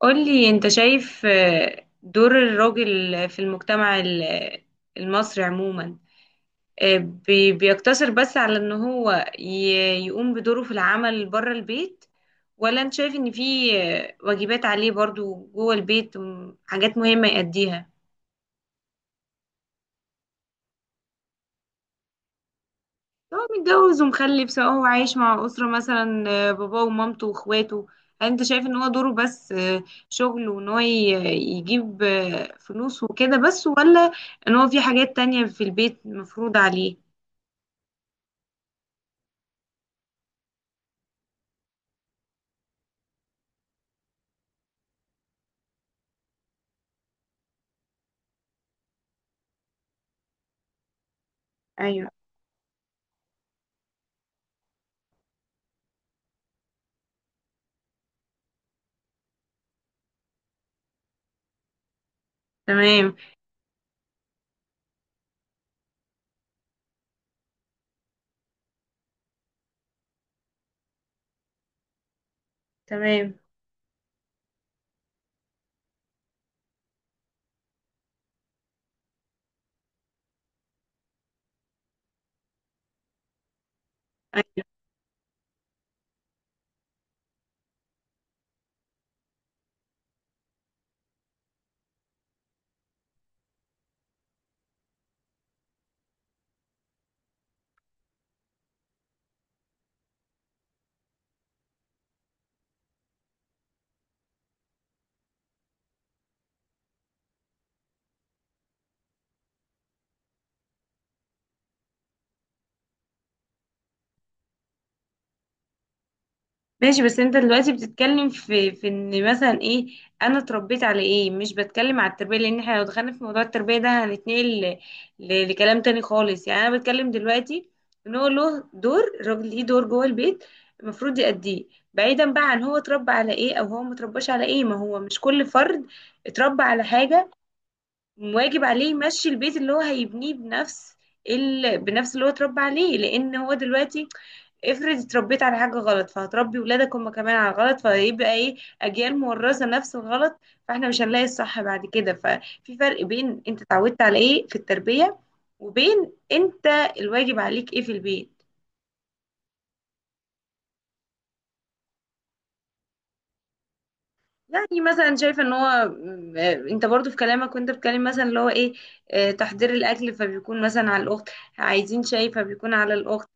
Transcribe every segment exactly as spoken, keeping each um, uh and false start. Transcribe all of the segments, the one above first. قولي انت شايف آه، دور الراجل في المجتمع ال- المصري عموما آه، بي- بيقتصر بس على ان هو ي- يقوم بدوره في العمل بره البيت، ولا انت شايف ان في آه، واجبات عليه برضو جوه البيت م- حاجات مهمة يأديها؟ هو متجوز ومخلف، سواء هو عايش مع أسرة مثلا آه، باباه ومامته واخواته. هل انت شايف ان هو دوره بس آه، شغل وان هو ي- يجيب آه، فلوس وكده بس، ولا ان هو في حاجات تانية في البيت مفروض عليه؟ ايوه. تمام. تمام. أيوه. ماشي، بس انت دلوقتي بتتكلم في في ان مثلا ايه، انا اتربيت على ايه. مش بتكلم على التربيه، لان احنا لو دخلنا في موضوع التربيه ده هنتنقل ل- ل- لكلام تاني خالص. يعني انا بتكلم دلوقتي ان هو له دور، الراجل ليه دور جوه البيت المفروض يأديه، بعيدا بقى عن هو اتربى على ايه او هو مترباش على ايه. ما هو مش كل فرد اتربى على حاجه واجب عليه يمشي البيت اللي هو هيبنيه بنفس ال... بنفس اللي هو اتربى عليه، لان هو دلوقتي افرض اتربيت على حاجة غلط فهتربي ولادك هم كمان على غلط، فهيبقى ايه، اجيال مورثة نفس الغلط، فاحنا مش هنلاقي الصح بعد كده. ففي فرق بين انت اتعودت على ايه في التربية وبين انت الواجب عليك ايه في البيت. يعني مثلا شايفه ان هو م- انت برضو في كلامك وانت بتكلم مثلا اللي هو ايه، آه، تحضير الاكل فبيكون مثلا على الاخت، عايزين شاي فبيكون على الاخت.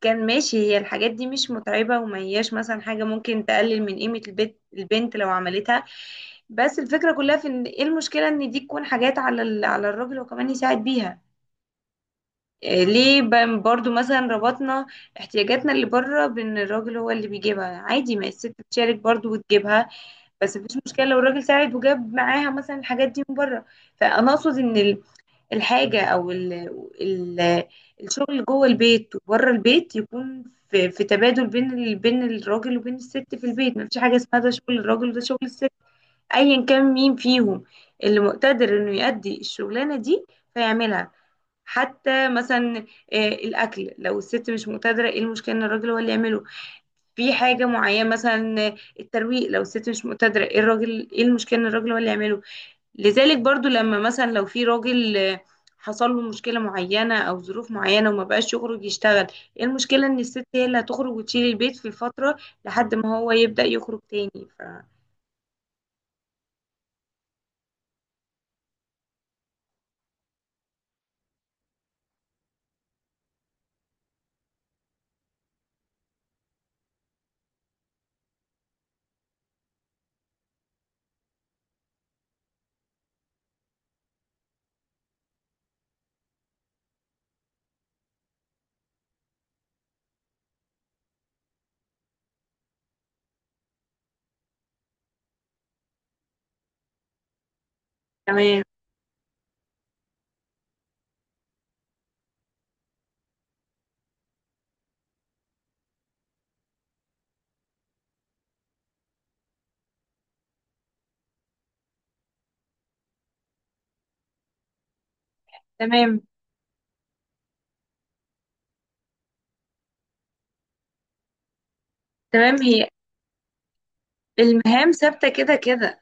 كان ماشي، هي الحاجات دي مش متعبة وما هياش مثلا حاجة ممكن تقلل من قيمة البيت البنت لو عملتها. بس الفكرة كلها في ان ايه المشكلة ان دي تكون حاجات على ال- على الراجل وكمان يساعد بيها. إيه ليه ب- برضو مثلا ربطنا احتياجاتنا اللي بره بان الراجل هو اللي بيجيبها؟ عادي ما الست تشارك برضو وتجيبها، بس مفيش مشكلة لو الراجل ساعد وجاب معاها مثلا الحاجات دي من بره. فانا اقصد ان ال- الحاجة أو ال ال الشغل جوه البيت وبره البيت يكون في, في تبادل بين ال- بين الراجل وبين الست في البيت. ما فيش حاجة اسمها ده شغل الراجل وده شغل الست، أيا كان مين فيهم اللي مقتدر إنه يأدي الشغلانة دي فيعملها. حتى مثلا آه، الأكل، لو الست مش مقتدرة إيه المشكلة إن الراجل هو اللي يعمله؟ في حاجة معينة مثلا آه، الترويق، لو الست مش مقتدرة إيه الراجل إيه المشكلة إن الراجل هو اللي يعمله؟ لذلك برضو لما مثلا لو في راجل آه، حصل له مشكلة معينة أو ظروف معينة وما بقاش يخرج يشتغل، ايه المشكلة إن الست هي اللي هتخرج وتشيل البيت في الفترة لحد ما هو يبدأ يخرج تاني ف... تمام. تمام. تمام. هي المهام ثابتة كده كده.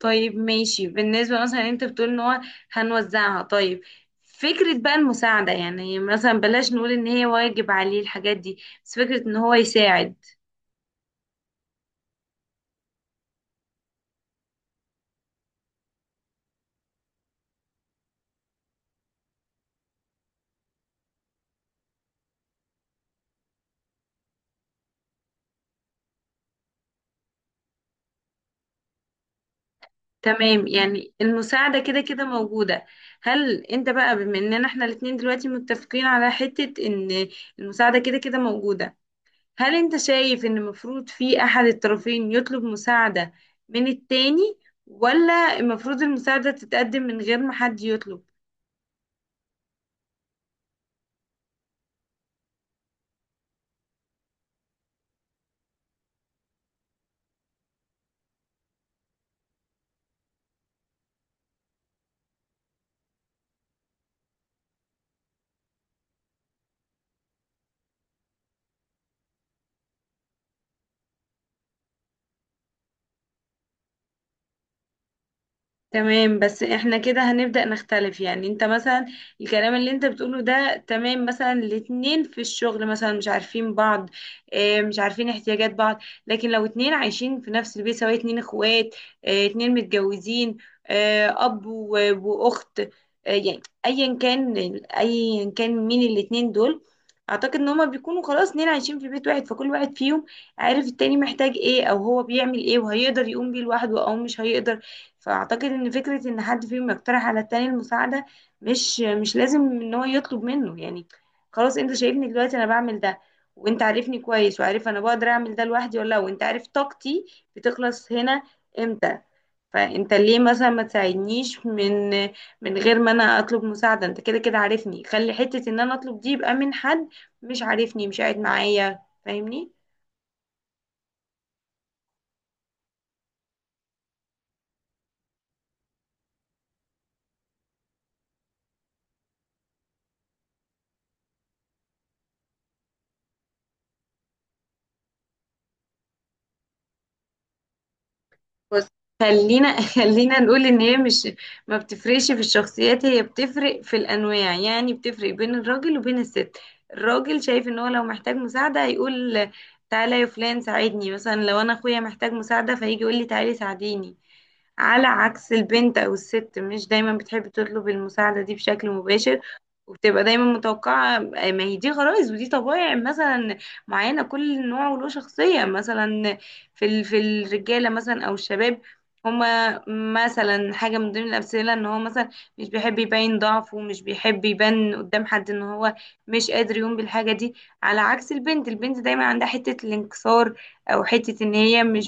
طيب ماشي، بالنسبة مثلا انت بتقول ان هو هنوزعها. طيب فكرة بقى المساعدة، يعني مثلا بلاش نقول ان هي واجب عليه الحاجات دي، بس فكرة ان هو يساعد. تمام، يعني المساعدة كده كده موجودة. هل انت بقى، بما اننا احنا الاتنين دلوقتي متفقين على حتة ان المساعدة كده كده موجودة، هل انت شايف ان المفروض في احد الطرفين يطلب مساعدة من التاني، ولا المفروض المساعدة تتقدم من غير ما حد يطلب؟ تمام، بس احنا كده هنبدأ نختلف. يعني انت مثلا الكلام اللي انت بتقوله ده تمام، مثلا الاتنين في الشغل مثلا مش عارفين بعض، اه، مش عارفين احتياجات بعض. لكن لو اتنين عايشين في نفس البيت، سواء اتنين اخوات، اه، اتنين متجوزين، اه، اب و- واخت، اه يعني ايا كان، ايا كان مين الاتنين دول، اعتقد ان هما بيكونوا خلاص اتنين عايشين في بيت واحد، فكل واحد فيهم عارف التاني محتاج ايه او هو بيعمل ايه وهيقدر يقوم بيه لوحده او مش هيقدر. فاعتقد ان فكره ان حد فيهم يقترح على التاني المساعده، مش مش لازم ان هو يطلب منه. يعني خلاص، انت شايفني دلوقتي انا بعمل ده، وانت عارفني كويس وعارف انا بقدر اعمل ده لوحدي ولا لا، وانت عارف طاقتي بتخلص هنا امتى، فانت ليه مثلا ما تساعدنيش من من غير ما انا اطلب مساعده؟ انت كده كده عارفني، خلي حته ان انا اطلب دي يبقى من حد مش عارفني، مش قاعد معايا فاهمني. بص، خلينا خلينا نقول ان هي مش، ما بتفرقش في الشخصيات، هي بتفرق في الانواع، يعني بتفرق بين الراجل وبين الست. الراجل شايف ان هو لو محتاج مساعدة هيقول تعالى يا فلان ساعدني، مثلا لو انا اخويا محتاج مساعدة فهيجي يقول لي تعالي ساعديني. على عكس البنت أو الست، مش دايما بتحب تطلب المساعدة دي بشكل مباشر، وبتبقى دايما متوقعة. آه، ما هي دي غرائز ودي طبائع مثلا معينة، كل نوع وله شخصية. مثلا في ال... في الرجالة مثلا أو الشباب، هما مثلا حاجة من ضمن الأمثلة إن هو مثلا مش بيحب يبين ضعفه ومش بيحب يبان قدام حد إن هو مش قادر يقوم بالحاجة دي. على عكس البنت، البنت دايما عندها حتة الانكسار أو حتة إن هي مش،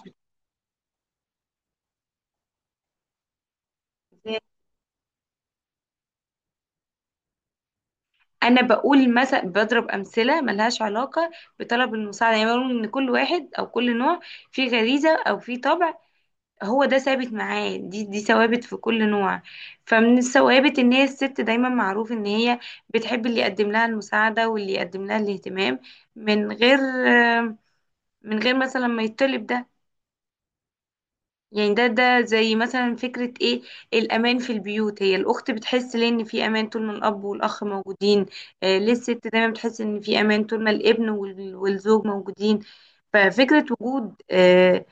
انا بقول مثلا بضرب امثله ملهاش علاقه بطلب المساعده. يعني بقول ان كل واحد او كل نوع فيه غريزه او فيه طبع، هو ده ثابت معاه، دي دي ثوابت في كل نوع. فمن الثوابت ان هي الست دايما معروف ان هي بتحب اللي يقدم لها المساعده واللي يقدم لها الاهتمام من غير، من غير مثلا ما يطلب ده. يعني ده، ده زي مثلا فكرة ايه، الأمان في البيوت. هي الأخت بتحس ليه إن في أمان طول ما الأب والأخ موجودين؟ آه، ليه الست دايما بتحس إن في أمان طول ما الابن وال- والزوج موجودين؟ ففكرة وجود آه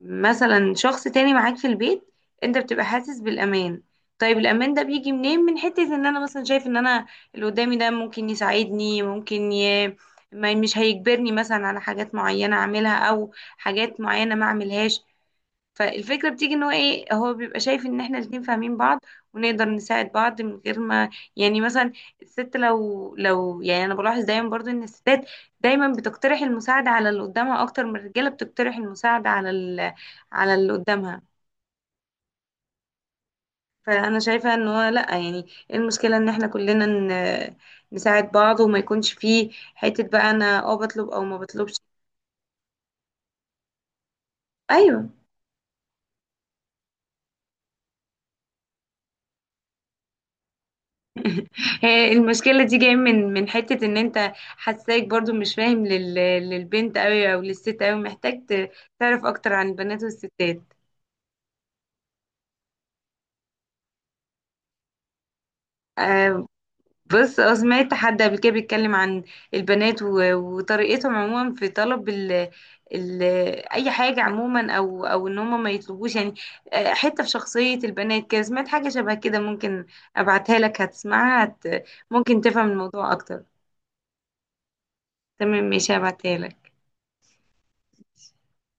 مثلا شخص تاني معاك في البيت، أنت بتبقى حاسس بالأمان. طيب الأمان ده بيجي منين؟ من حتة إن أنا مثلا شايف إن أنا اللي قدامي ده ممكن يساعدني، ممكن ي... ما مش هيجبرني مثلا على حاجات معينة أعملها أو حاجات معينة ما أعملهاش. فالفكرة بتيجي ان هو ايه، هو بيبقى شايف ان احنا الاتنين فاهمين بعض ونقدر نساعد بعض من غير ما، يعني مثلا الست لو لو يعني انا بلاحظ دايما برضو ان الستات دايما بتقترح المساعدة على اللي قدامها اكتر من الرجالة بتقترح المساعدة على ال- على اللي قدامها. فانا شايفة ان هو لا، يعني ايه المشكلة ان احنا كلنا ن- نساعد بعض وما يكونش فيه حتة بقى انا اه بطلب او ما بطلبش. ايوه. هي المشكلة دي جاية من من حتة ان انت حساك برضو مش فاهم لل... للبنت قوي او للست قوي، محتاج ت- تعرف اكتر عن البنات والستات. آه بص، اه، سمعت حد قبل كده بيتكلم عن البنات و... وطريقتهم عموما في طلب ال... ال... اي حاجة عموما، او او ان هم ما يطلبوش يعني. آه، حتة في شخصية البنات كده سمعت حاجة شبه كده، ممكن ابعتها لك هتسمعها هت... ممكن تفهم الموضوع اكتر. تمام ماشي، هبعتها لك.